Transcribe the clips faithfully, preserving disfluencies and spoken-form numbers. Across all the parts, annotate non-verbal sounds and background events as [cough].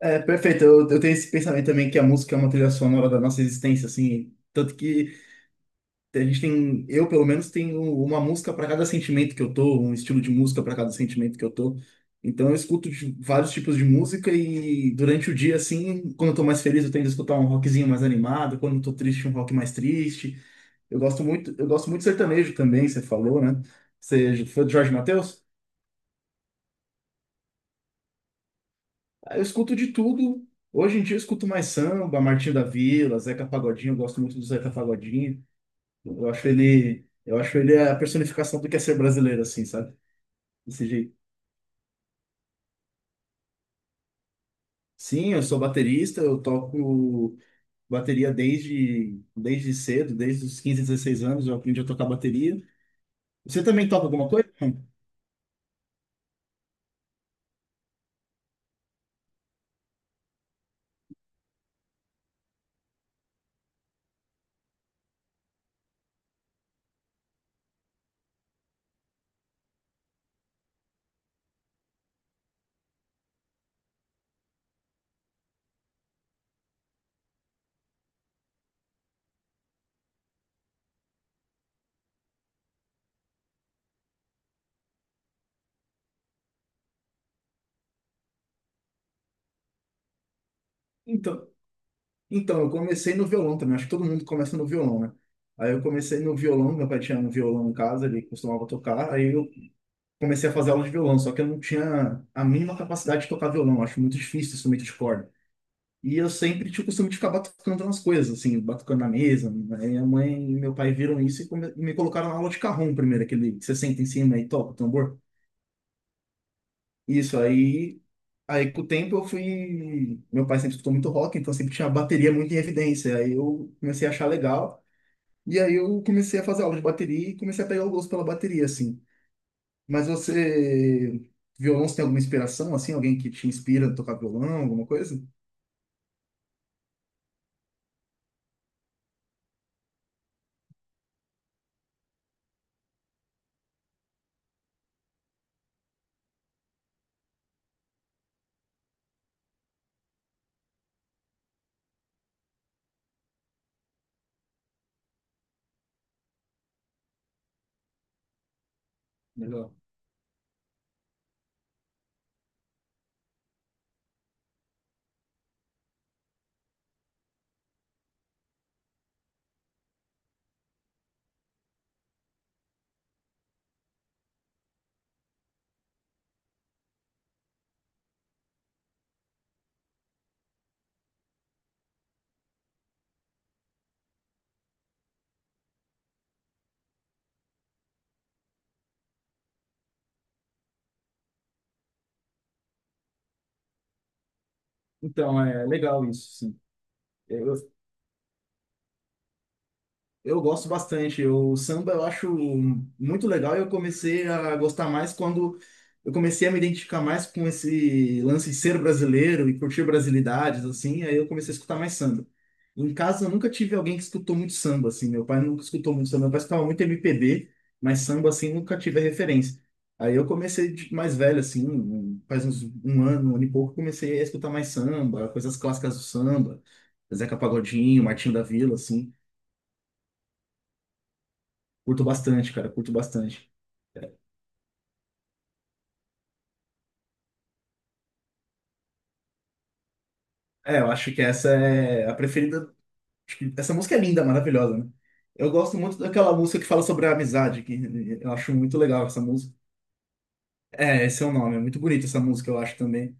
É, perfeito. Eu, eu tenho esse pensamento também que a música é uma trilha sonora da nossa existência, assim. Tanto que a gente tem, eu pelo menos tenho uma música para cada sentimento que eu tô, um estilo de música para cada sentimento que eu tô. Então eu escuto de- vários tipos de música e durante o dia, assim, quando eu tô mais feliz, eu tento escutar um rockzinho mais animado, quando eu tô triste, um rock mais triste. Eu gosto muito, eu gosto muito de sertanejo também, você falou, né? Você foi do Jorge Mateus? Aí eu escuto de tudo. Hoje em dia eu escuto mais samba, Martinho da Vila, Zeca Pagodinho, eu gosto muito do Zeca Pagodinho. Eu acho ele, eu acho ele a personificação do que é ser brasileiro, assim, sabe? Desse jeito. Sim, eu sou baterista, eu toco bateria desde, desde cedo, desde os quinze dezesseis anos, eu aprendi a tocar bateria. Você também toca alguma coisa? Então, então, eu comecei no violão também, acho que todo mundo começa no violão, né? Aí eu comecei no violão, meu pai tinha um violão em casa, ele costumava tocar, aí eu comecei a fazer aula de violão, só que eu não tinha a mínima capacidade de tocar violão, eu acho muito difícil instrumento de corda. E eu sempre tinha o costume de ficar batucando nas coisas, assim, batucando na mesa. Aí minha mãe e meu pai viram isso e come- e me colocaram na aula de cajón primeiro, aquele que você senta em cima e toca o tambor. Isso, aí, aí com o tempo eu fui. Meu pai sempre escutou muito rock, então sempre tinha a bateria muito em evidência. Aí eu comecei a achar legal. E aí eu comecei a fazer aula de bateria e comecei a pegar o gosto pela bateria, assim. Mas você, violão, você tem alguma inspiração, assim? Alguém que te inspira a tocar violão, alguma coisa? Legal. Então, é legal isso, sim. Eu, Eu gosto bastante. Eu- O samba eu acho muito legal e eu comecei a gostar mais quando eu comecei a me identificar mais com esse lance de ser brasileiro e curtir brasilidades, assim, aí eu comecei a escutar mais samba. Em casa eu nunca tive alguém que escutou muito samba, assim. Meu pai nunca escutou muito samba, meu pai escutava muito M P B, mas samba, assim, nunca tive a referência. Aí eu comecei de- mais velho, assim, um- faz uns um ano, um ano e pouco, comecei a escutar mais samba, coisas clássicas do samba, Zeca Pagodinho, Martinho da Vila, assim. Curto bastante, cara, curto bastante. É, eu acho que essa é a preferida. acho que Essa música é linda, maravilhosa, né? Eu gosto muito daquela música que fala sobre a amizade, que eu acho muito legal essa música. É, esse é o nome, é muito bonita essa música, eu acho também.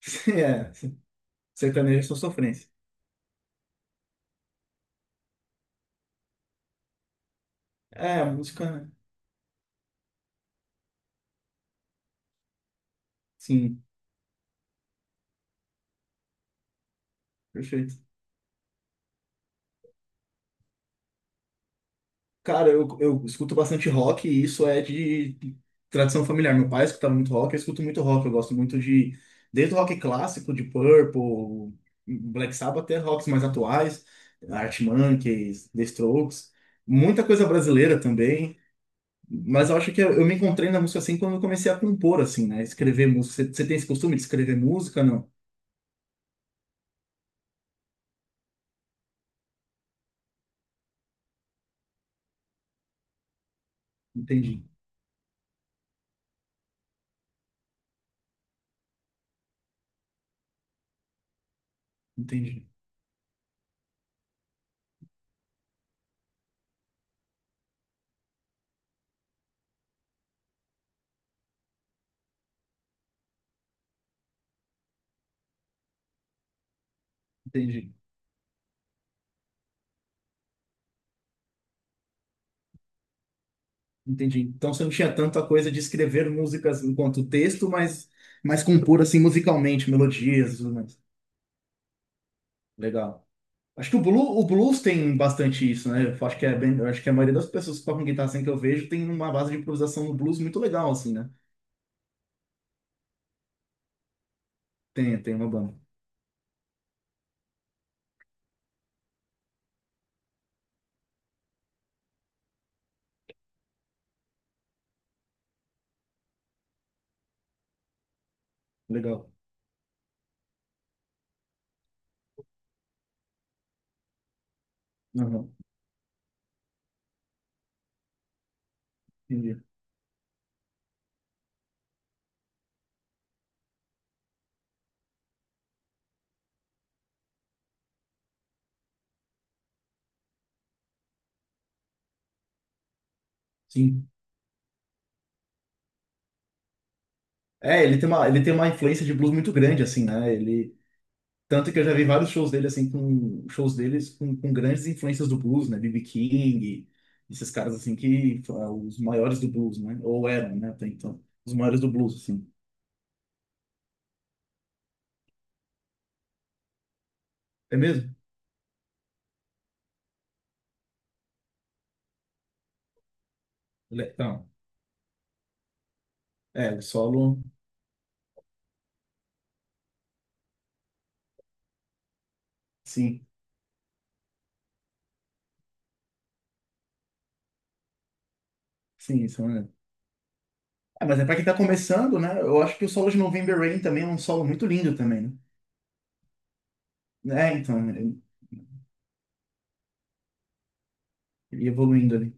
[laughs] É, sertanejo é só sofrência. É, a música, sim, perfeito. Cara, eu, eu escuto bastante rock e isso é de tradição familiar. Meu pai escutava muito rock, eu escuto muito rock. Eu gosto muito de, desde o rock clássico, de Purple, Black Sabbath, até rocks mais atuais, Arctic Monkeys, The Strokes, muita coisa brasileira também. Mas eu acho que eu, eu me encontrei na música assim quando eu comecei a compor, assim, né? Escrever música. Você você tem esse costume de escrever música? Não. Entendi, entendi, entendi. Entendi. Então você não tinha tanta coisa de escrever músicas enquanto texto, mas, mas compor assim musicalmente, melodias, e tudo mais. Legal. Acho que o blues, o blues tem bastante isso, né? Eu acho que é bem, eu acho que a maioria das pessoas que tocam guitarra assim que eu vejo tem uma base de improvisação no blues muito legal, assim, né? Tem, tem uma banda. Legal. Aham. Entendi. Sim. É, ele tem uma, ele tem uma influência de blues muito grande, assim, né? Ele, Tanto que eu já vi vários shows dele, assim, com shows deles com, com grandes influências do blues, né? B B. King, esses caras, assim, que foram os maiores do blues, né? Ou eram, né? Até então, os maiores do blues, assim. É mesmo? Le- Então, é, o solo, sim, sim, isso, né? Ah, mas é pra quem tá começando, né? Eu acho que o solo de November Rain também é um solo muito lindo também, né? É, então, ele ele evoluindo ali.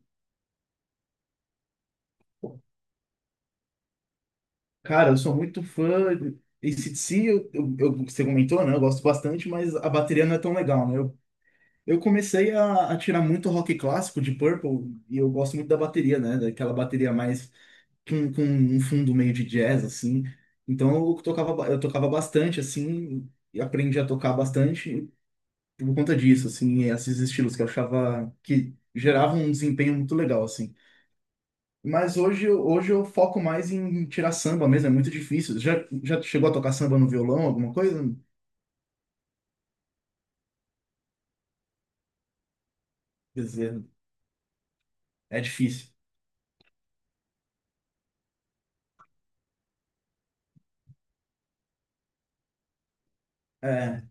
Cara, eu sou muito fã de A C/D C, eu, eu, eu- você comentou, né? Eu gosto bastante, mas a bateria não é tão legal, né? Eu Eu comecei a, a tirar muito rock clássico de Purple e eu gosto muito da bateria, né? Daquela bateria mais com, com um fundo meio de jazz, assim. Então eu tocava, ba- eu tocava bastante, assim, e aprendi a tocar bastante por conta disso, assim, esses estilos que eu achava que geravam um desempenho muito legal, assim. Mas hoje, eu- hoje eu foco mais em tirar samba mesmo, é muito difícil. Já, já chegou a tocar samba no violão, alguma coisa? Quer dizer, é difícil. É,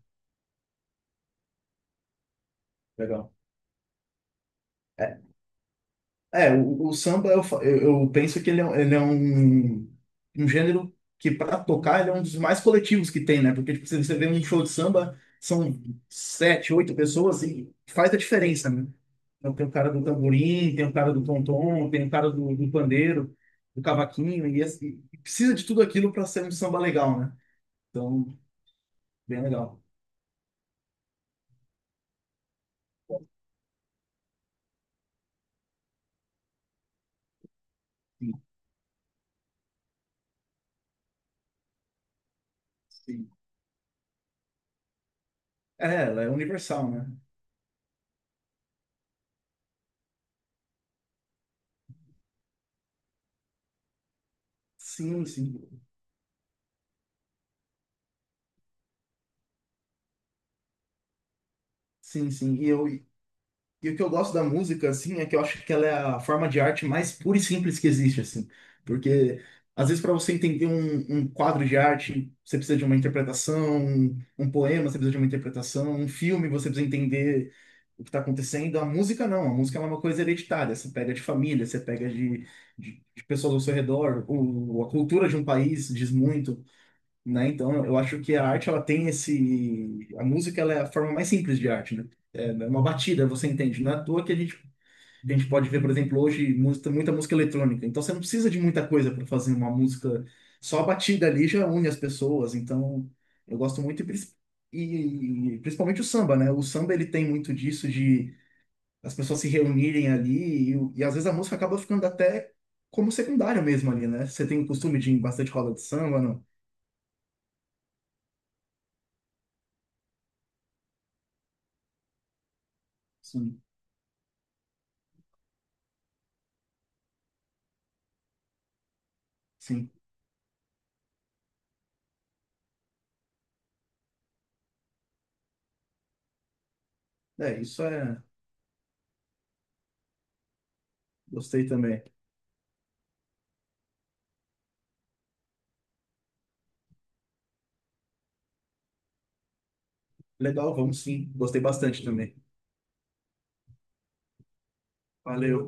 legal. É, o, o samba, eu, fa- eu eu penso que ele é, um, ele é um, um gênero que, para tocar, ele é um dos mais coletivos que tem, né? Porque, tipo, se você vê um show de samba, são sete, oito pessoas e faz a diferença, né? Então, tem o cara do tamborim, tem o cara do tom-tom, tem o cara do, do pandeiro, do cavaquinho, e, esse- e precisa de tudo aquilo para ser um samba legal, né? Então, bem legal. Sim, sim. É, ela é universal, né? Sim, sim. Sim, sim. E eu, E o que eu gosto da música, assim, é que eu acho que ela é a forma de arte mais pura e simples que existe, assim. Porque, às vezes, para você entender um, um quadro de arte, você precisa de uma interpretação, um, um poema, você precisa de uma interpretação, um filme, você precisa entender o que está acontecendo. A música, não. A música ela é uma coisa hereditária. Você pega de família, você pega de, de, de pessoas ao seu redor. O, a cultura de um país diz muito, né? Então, eu acho que a arte ela tem esse, a música ela é a forma mais simples de arte, né? É, né, uma batida, você entende? Não é à toa que a gente a gente pode ver, por exemplo, hoje muita, muita música eletrônica. Então, você não precisa de muita coisa para fazer uma música. Só a batida ali já une as pessoas. Então, eu gosto muito e, pris- e principalmente o samba, né? O samba ele tem muito disso de as pessoas se reunirem ali e, e às vezes a música acaba ficando até como secundária mesmo ali, né? Você tem o costume de ir em bastante roda de samba, não? Sim, sim. É, isso é. Gostei também. Legal, vamos sim. Gostei bastante também. Valeu.